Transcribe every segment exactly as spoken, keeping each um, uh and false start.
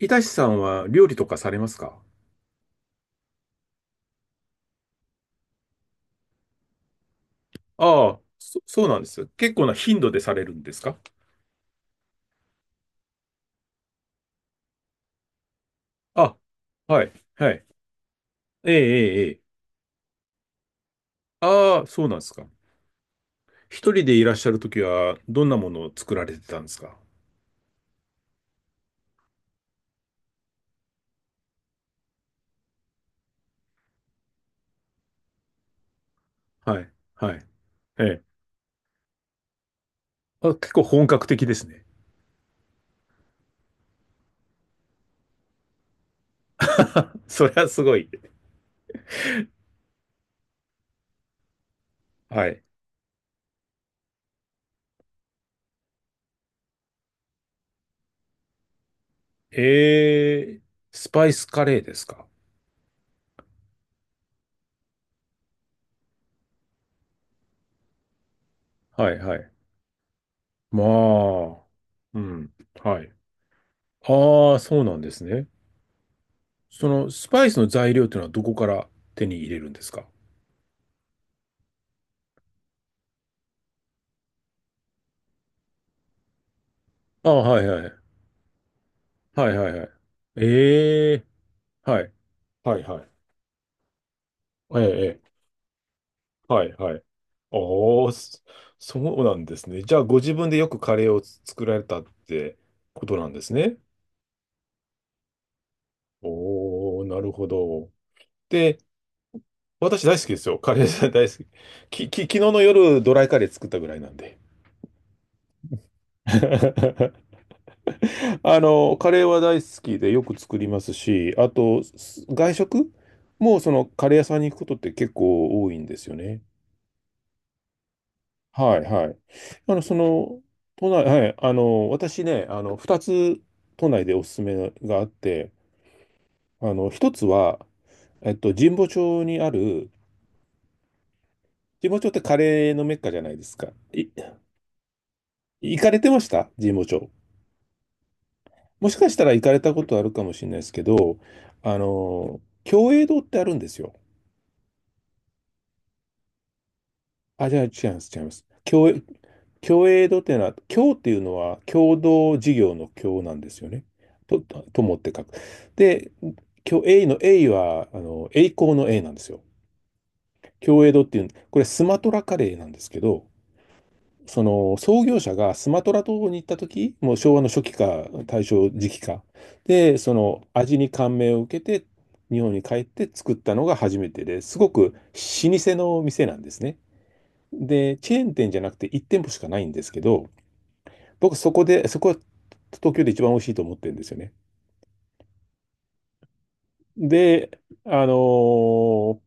いたしさんは料理とかされますか？ああ、そ、そうなんです。結構な頻度でされるんですか？あ、はい、はい。ええ、ええ、ええ。ああ、そうなんですか。一人でいらっしゃるときは、どんなものを作られてたんですか？はい、はい。ええ。あ、結構本格的ですね。それはすごい。はい。ええ、スパイスカレーですか？はい、はい。まあ、うん、はい。ああ、そうなんですね。そのスパイスの材料というのはどこから手に入れるんですか？ああ、はいはい。はいはいはい。ええ、はい。はいはい。ええ、ええ、はいはい。おお、そそうなんですね。じゃあ、ご自分でよくカレーを作られたってことなんですね。おお、なるほど。で、私大好きですよ。カレー大好き。き、き、昨日の夜、ドライカレー作ったぐらいなんで。あの、カレーは大好きでよく作りますし、あと、す外食もそのカレー屋さんに行くことって結構多いんですよね。はいはい。あの、その、都内、はい、あの、私ね、あの、ふたつ都内でおすすめがあって、あの、一つは、えっと、神保町にある、神保町ってカレーのメッカじゃないですか。い、行かれてました神保町。もしかしたら行かれたことあるかもしれないですけど、あの、共栄堂ってあるんですよ。あ、じゃあ違います、違います。共栄、共栄度っていうのは、共っていうのは共同事業の共なんですよね。と、と友って書く。で、共栄の栄は、あの、栄光の栄なんですよ。共栄度っていう、これスマトラカレーなんですけど、その創業者がスマトラ島に行った時、もう昭和の初期か大正時期か。で、その味に感銘を受けて、日本に帰って作ったのが初めてですごく老舗の店なんですね。で、チェーン店じゃなくていち店舗しかないんですけど、僕そこで、そこは東京で一番美味しいと思ってるんですよね。で、あのー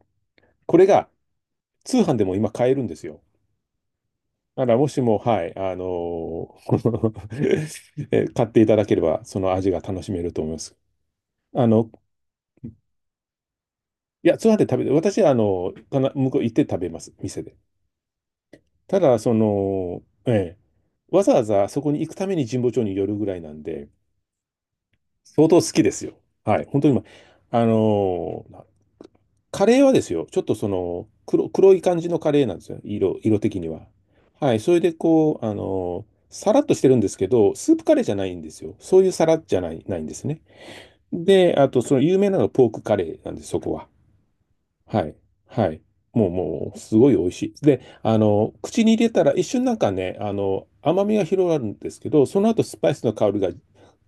これが通販でも今買えるんですよ。だからもしも、はい、あのー え買っていただければ、その味が楽しめると思います。あの、いや、通販で食べて、私はあの、かな向こう行って食べます、店で。ただ、その、ええ、わざわざそこに行くために神保町に寄るぐらいなんで、相当好きですよ。はい。本当にまあのーなカレーはですよ、ちょっとその黒、黒い感じのカレーなんですよ。色、色的には。はい。それでこう、あのーさらっとしてるんですけど、スープカレーじゃないんですよ。そういうさらじゃない、ないんですね。で、あとその有名なのがポークカレーなんです、そこは。はい。はい。もう、もう、すごい美味しい。で、あの、口に入れたら一瞬なんかね、あの、甘みが広がるんですけど、その後スパイスの香りが、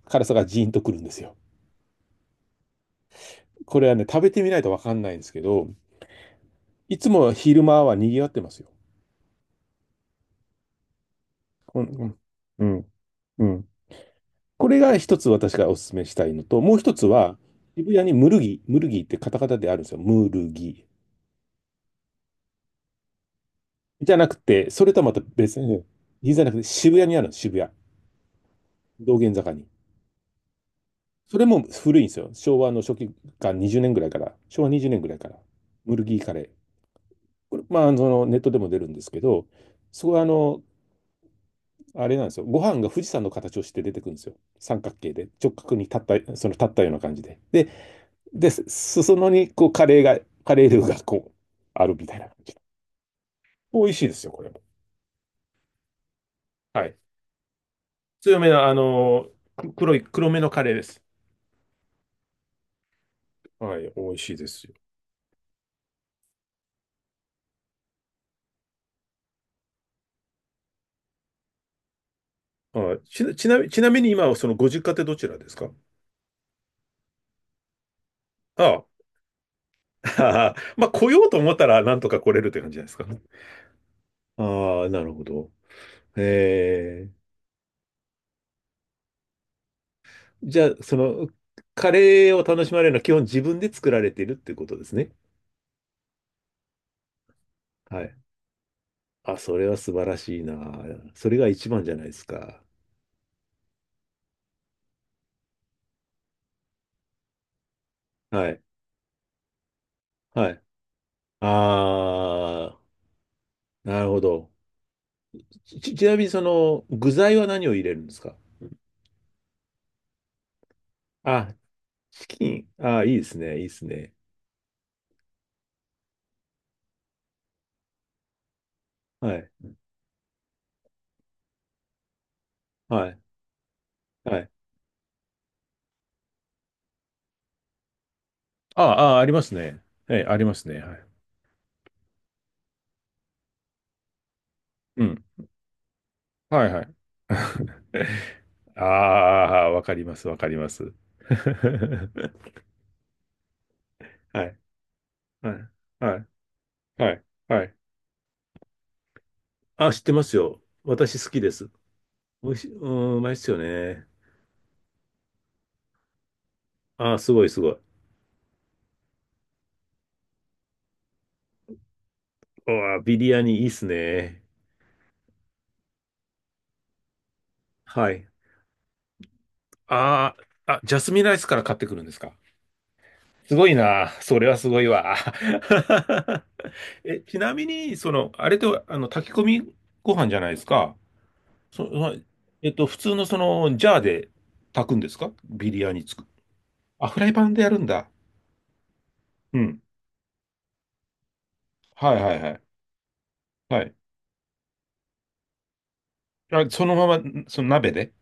辛さがジーンとくるんですよ。これはね、食べてみないとわかんないんですけど、いつも昼間は賑わってますよ。こんうん、うん、うん、これが一つ私がお勧めしたいのと、もう一つは、渋谷にムルギ、ムルギってカタカタであるんですよ。ムルギ。じゃなくて、それとはまた別に、銀座じゃなくて渋谷にあるんです、渋谷。道玄坂に。それも古いんですよ。昭和の初期か20年ぐらいから、昭和にじゅうねんぐらいから、ムルギーカレー。これ、まあ、そのネットでも出るんですけど、そこはあのあれなんですよ。ご飯が富士山の形をして出てくるんですよ。三角形で、直角に立った、その立ったような感じで。で、で、裾野にこうカレーが、カレールーがこう、あるみたいな感じ。美味しいですよ、これも。はい。強めの、あのー黒い、黒めのカレーです。はい、美味しいですよ。はい。ちな、ちなみちなみに今、そのご実家ってどちらですか？ああ。まあ、来ようと思ったら、なんとか来れるって感じじゃないですか。ああ、なるほど。ええ、じゃあ、その、カレーを楽しまれるのは基本自分で作られているっていうことですね。はい。あ、それは素晴らしいな。それが一番じゃないですか。はい。はい。あー、なるほど。ち、ちなみにその、具材は何を入れるんですか？あ、チキン。あ、いいですね。いいですね。はい。はい。はい。ああ、ありますね。え、ありますね。はい。うん。はいはい。ああ、わかります。わかります。はい。はい。はい。はい。はい。あ、知ってますよ。私好きです。美味しい、うーん、うまいっすよね。あ、すごいすごい。うわ、ビリヤニいいっすね。はい。ああ、あ、ジャスミンライスから買ってくるんですか？すごいな。それはすごいわ。え、ちなみに、その、あれと、あの、炊き込みご飯じゃないですか。そ、そえっと、普通のその、ジャーで炊くんですかビリヤニつく。あ、フライパンでやるんだ。うん。はいはいはい。はい。あ、そのまま、その鍋で、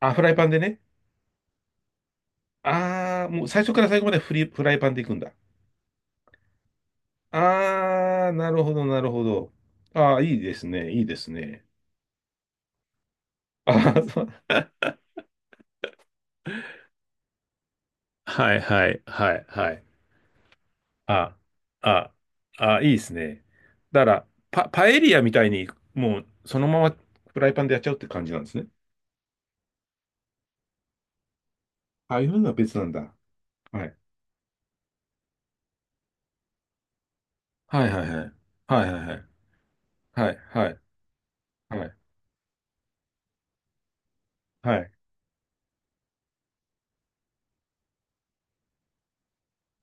あ、フライパンでね。ああ、もう最初から最後までフリ、フライパンでいくんだ。ああ、なるほど、なるほど。ああ、いいですね、いいですね。ああ、そう。はいはいはいはい。あ、あ、あ、いいですね。だから、パ、パエリアみたいに、もうそのまま、フライパンでやっちゃうって感じなんですね。ああいうのは別なんだ。はい。はいはいはい。はいはいはい。はいはいはい。はい。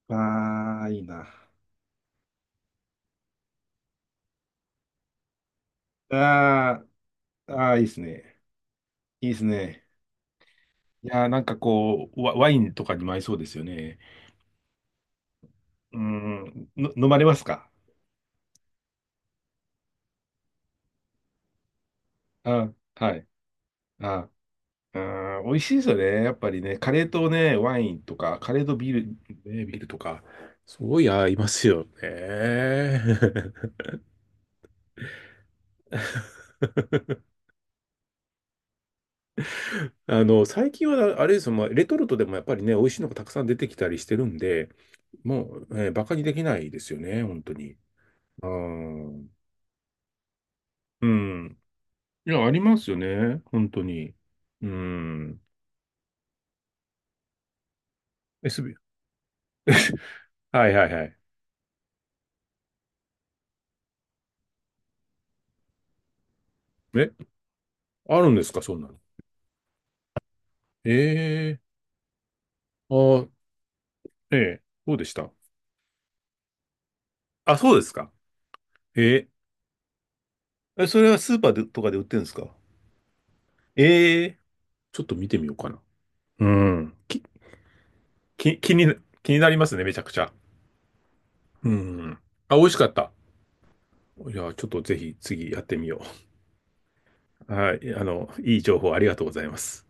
ああ、いいな。あ、ああ、いいですね。いいですね。いやー、なんかこう、ワ、ワインとかにも合いそうですよね。うーん、の、飲まれますか？あ、はい。あ、うん、美味しいですよね。やっぱりね、カレーとね、ワインとか、カレーとビール、ね、ビールとか。すごい合いますよね。あの、最近はあれですよ、まあ、レトルトでもやっぱりね、美味しいのがたくさん出てきたりしてるんで、もう、えーバカにできないですよね、本当に。あー、うん。いや、ありますよね。本当に。うん。エスビー。はいはいはい。え、あるんですか、そんなの。ええ、あ、ええ、どうでした？あ、そうですか。え、ええ、それはスーパーでとかで売ってるんですか？ええ、ちょっと見てみようかな。うん。き、き、気にな、気になりますね、めちゃくちゃ。うん。あ、美味しかった。いや、ちょっとぜひ次やってみよう。はい。あの、いい情報ありがとうございます。